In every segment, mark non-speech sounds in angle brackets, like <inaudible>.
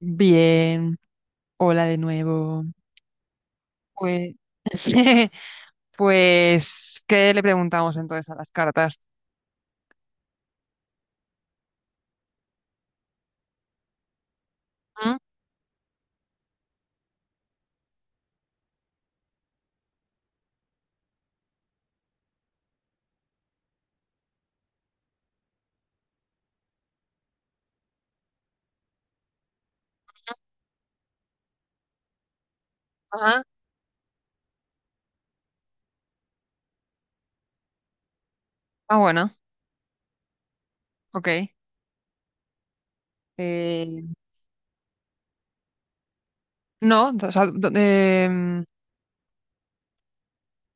Bien, hola de nuevo. Pues, <laughs> pues, ¿qué le preguntamos entonces a las cartas? ¿Mm? Ajá. Ah, bueno, ok. Eh, no, o sea,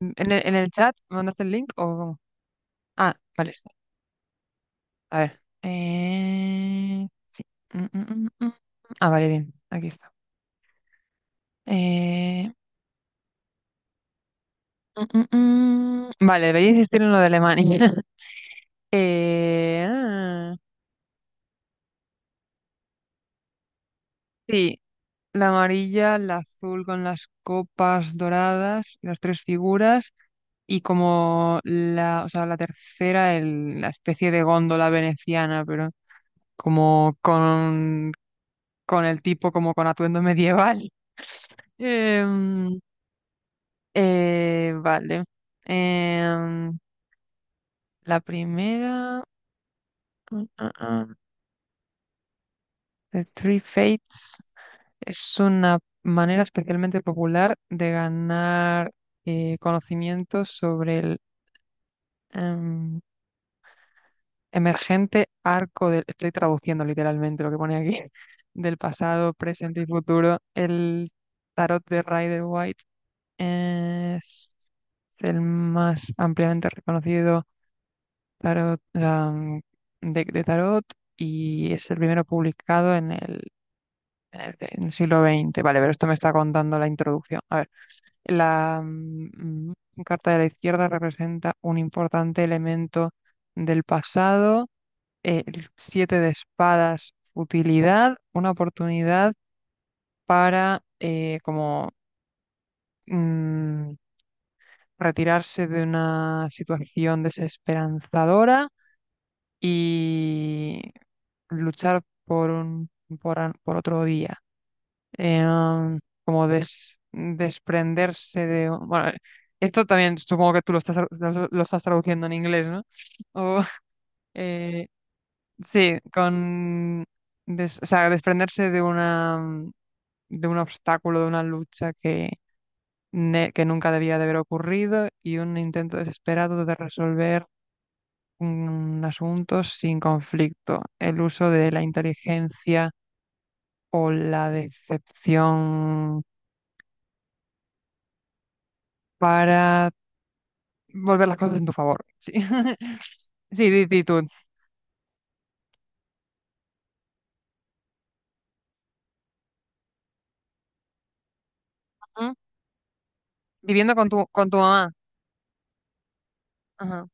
en el chat, ¿me mandaste el link o cómo? Ah, vale, está. A ver. Sí. Mm, mm, mm, mm. Mm. Ah, vale, bien, aquí está. Eh, mm, mm, mm. Vale, debería insistir en lo de Alemania. <laughs> Eh, ah, sí. La amarilla, la azul con las copas doradas, las tres figuras, y como la, o sea, la tercera, la especie de góndola veneciana, pero como con el tipo, como con atuendo medieval. <laughs> Em, vale. Em, la primera, mm, mm, mm, The Three Fates, es una manera especialmente popular de ganar conocimientos sobre em, emergente arco del, estoy traduciendo literalmente lo que pone aquí, <laughs> del pasado, presente y futuro. El tarot de Rider White es el más ampliamente reconocido tarot, deck de tarot y es el primero publicado en el, en el siglo XX. Vale, pero esto me está contando la introducción. A ver. La carta de la izquierda representa un importante elemento del pasado. El siete de espadas, futilidad, una oportunidad para como mm, retirarse de una situación desesperanzadora y luchar por un, por, an- por otro día. eh, como desprenderse de. Bueno, esto también supongo que tú lo estás traduciendo en inglés, ¿no? O, <laughs> eh, sí, con, o sea, desprenderse de un obstáculo, de una lucha que nunca debía de haber ocurrido y un intento desesperado de resolver un asunto sin conflicto. El uso de la inteligencia o la decepción para volver las cosas en tu favor. Sí, <laughs> sí, di, di tú. Ujú. Viviendo con tu mamá. Ajá.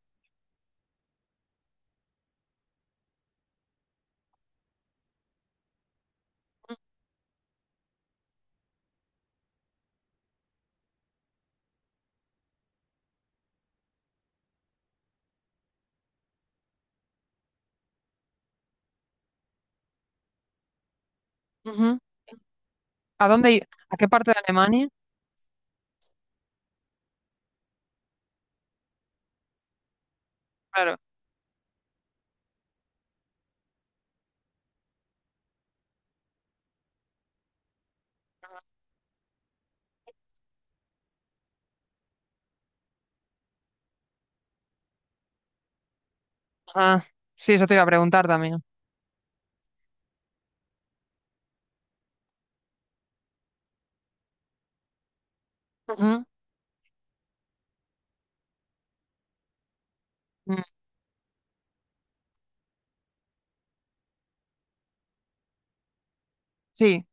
Ujú. ¿A dónde, a qué parte de Alemania? Claro. Ah, sí, eso te iba a preguntar también. Ujú. Mm, sí.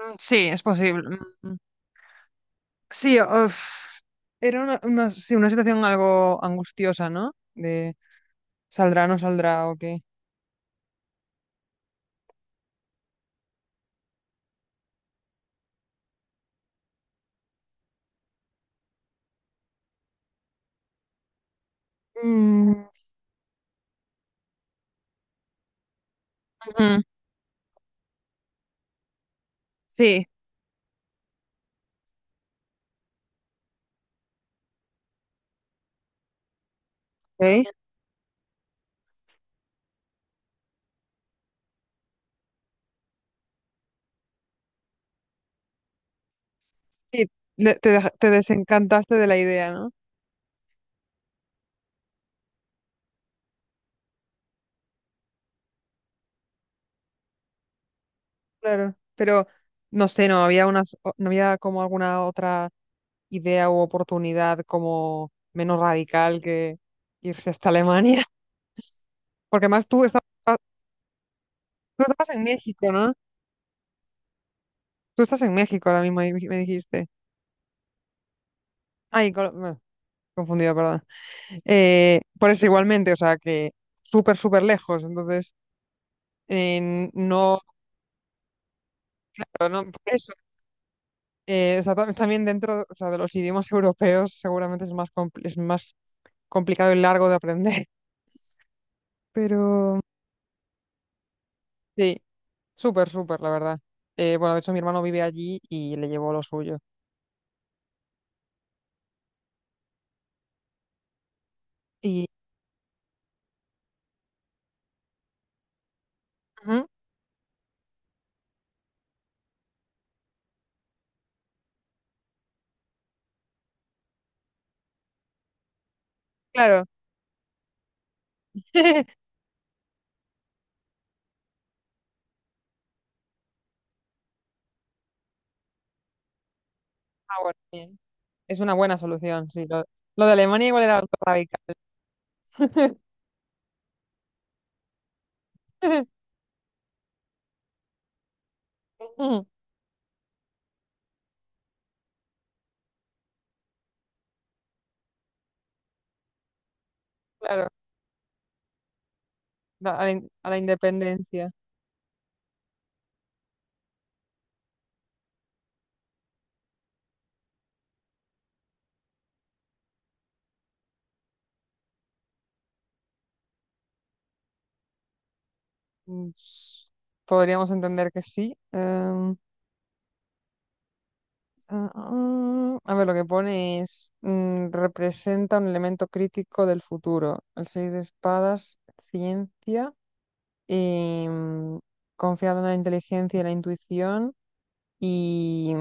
Mm, sí, es posible. Mm, mm. Sí, uf, era sí, una situación algo angustiosa, ¿no? De saldrá, no saldrá, o qué. Mm, ujú. Sí. Ok. Sí, te desencantaste de la idea, ¿no? Claro, pero no sé, no había como alguna otra idea u oportunidad como menos radical que irse hasta Alemania, <laughs> porque más tú estabas en México, ¿no? Tú estás en México ahora mismo, me dijiste. Ay, bueno, confundida, perdón. Por eso igualmente, o sea que súper, súper lejos, entonces no, no, por eso. O sea, también dentro, o sea, de los idiomas <laughs> europeos seguramente es más complicado y largo de aprender. Pero sí, súper, súper, la verdad. Bueno, de hecho mi hermano vive allí y le llevó lo suyo. Y, ujú, claro. <laughs> Ah, bueno, bien. Es una buena solución, sí. Lo de Alemania igual era algo radical. <laughs> Ujú. Claro, a la independencia. Mm, s- Podríamos entender que sí. A ver, lo que pone es, representa un elemento crítico del futuro. El seis de espadas, ciencia. em, confiando en la inteligencia y la intuición y,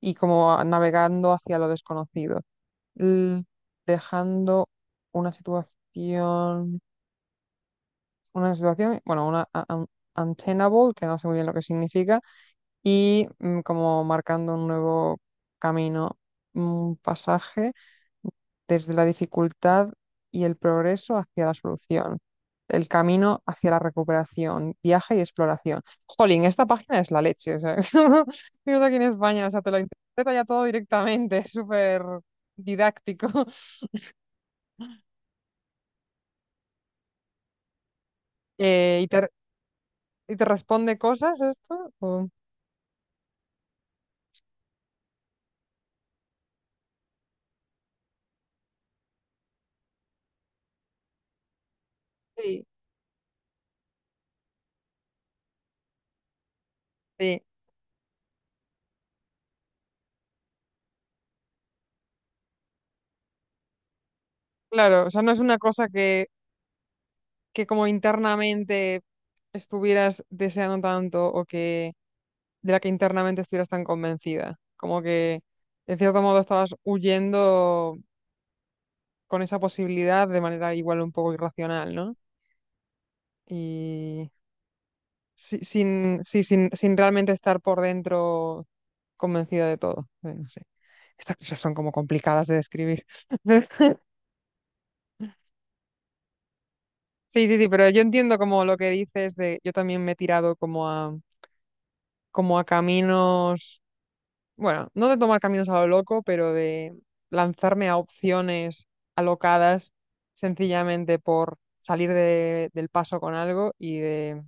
y como navegando hacia lo desconocido, L- dejando una situación, una situación, bueno, una untenable, que no sé muy bien lo que significa, y como marcando un nuevo camino, un pasaje desde la dificultad y el progreso hacia la solución, el camino hacia la recuperación, viaje y exploración. Jolín, esta página es la leche, o sea, <laughs> digo, aquí en España, o sea, te lo interpreta ya todo directamente, es súper didáctico. <laughs> Eh, y te, y te responde cosas esto? Sí, sí, claro, o sea, no es una cosa que como internamente estuvieras deseando tanto o que de la que internamente estuvieras tan convencida, como que en cierto modo estabas huyendo con esa posibilidad de manera igual un poco irracional, ¿no? Y sin, sí, sin realmente estar por dentro convencida de todo. No sé. Estas cosas son como complicadas de describir. <laughs> Sí, sí, sí, pero yo entiendo como lo que dices de yo también me he tirado como a caminos bueno, no de tomar caminos a lo loco, pero de lanzarme a opciones alocadas sencillamente por salir del paso con algo y de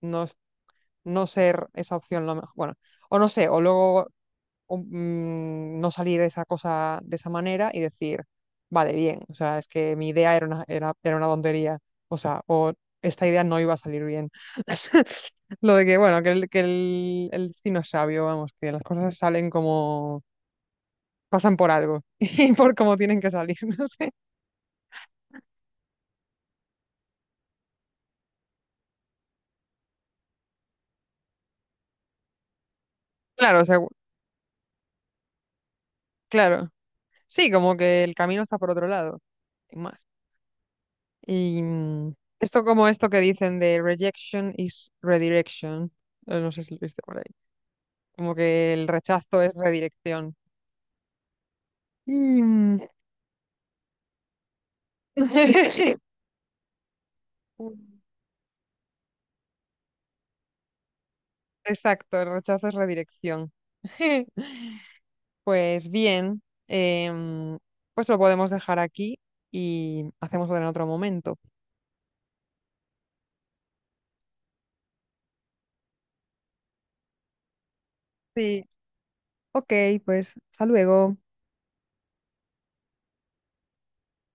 no, no ser esa opción lo mejor, bueno, o no sé, o luego o, no salir de esa cosa de esa manera y decir, vale, bien, o sea, es que mi idea era una tontería, o sea, o esta idea no iba a salir bien. <laughs> Lo de que, bueno, el destino es sabio, vamos, que las cosas salen como pasan por algo <laughs> y por cómo tienen que salir, <laughs> no sé. Claro, o sea, claro. Sí, como que el camino está por otro lado, y más. Y esto como esto que dicen de rejection is redirection, no sé si lo viste por ahí, como que el rechazo es redirección. Y, mm, <laughs> sí. Exacto, el rechazo es redirección. <laughs> Pues bien, pues lo podemos dejar aquí y hacemos otro en otro momento. Sí, ok, pues hasta luego.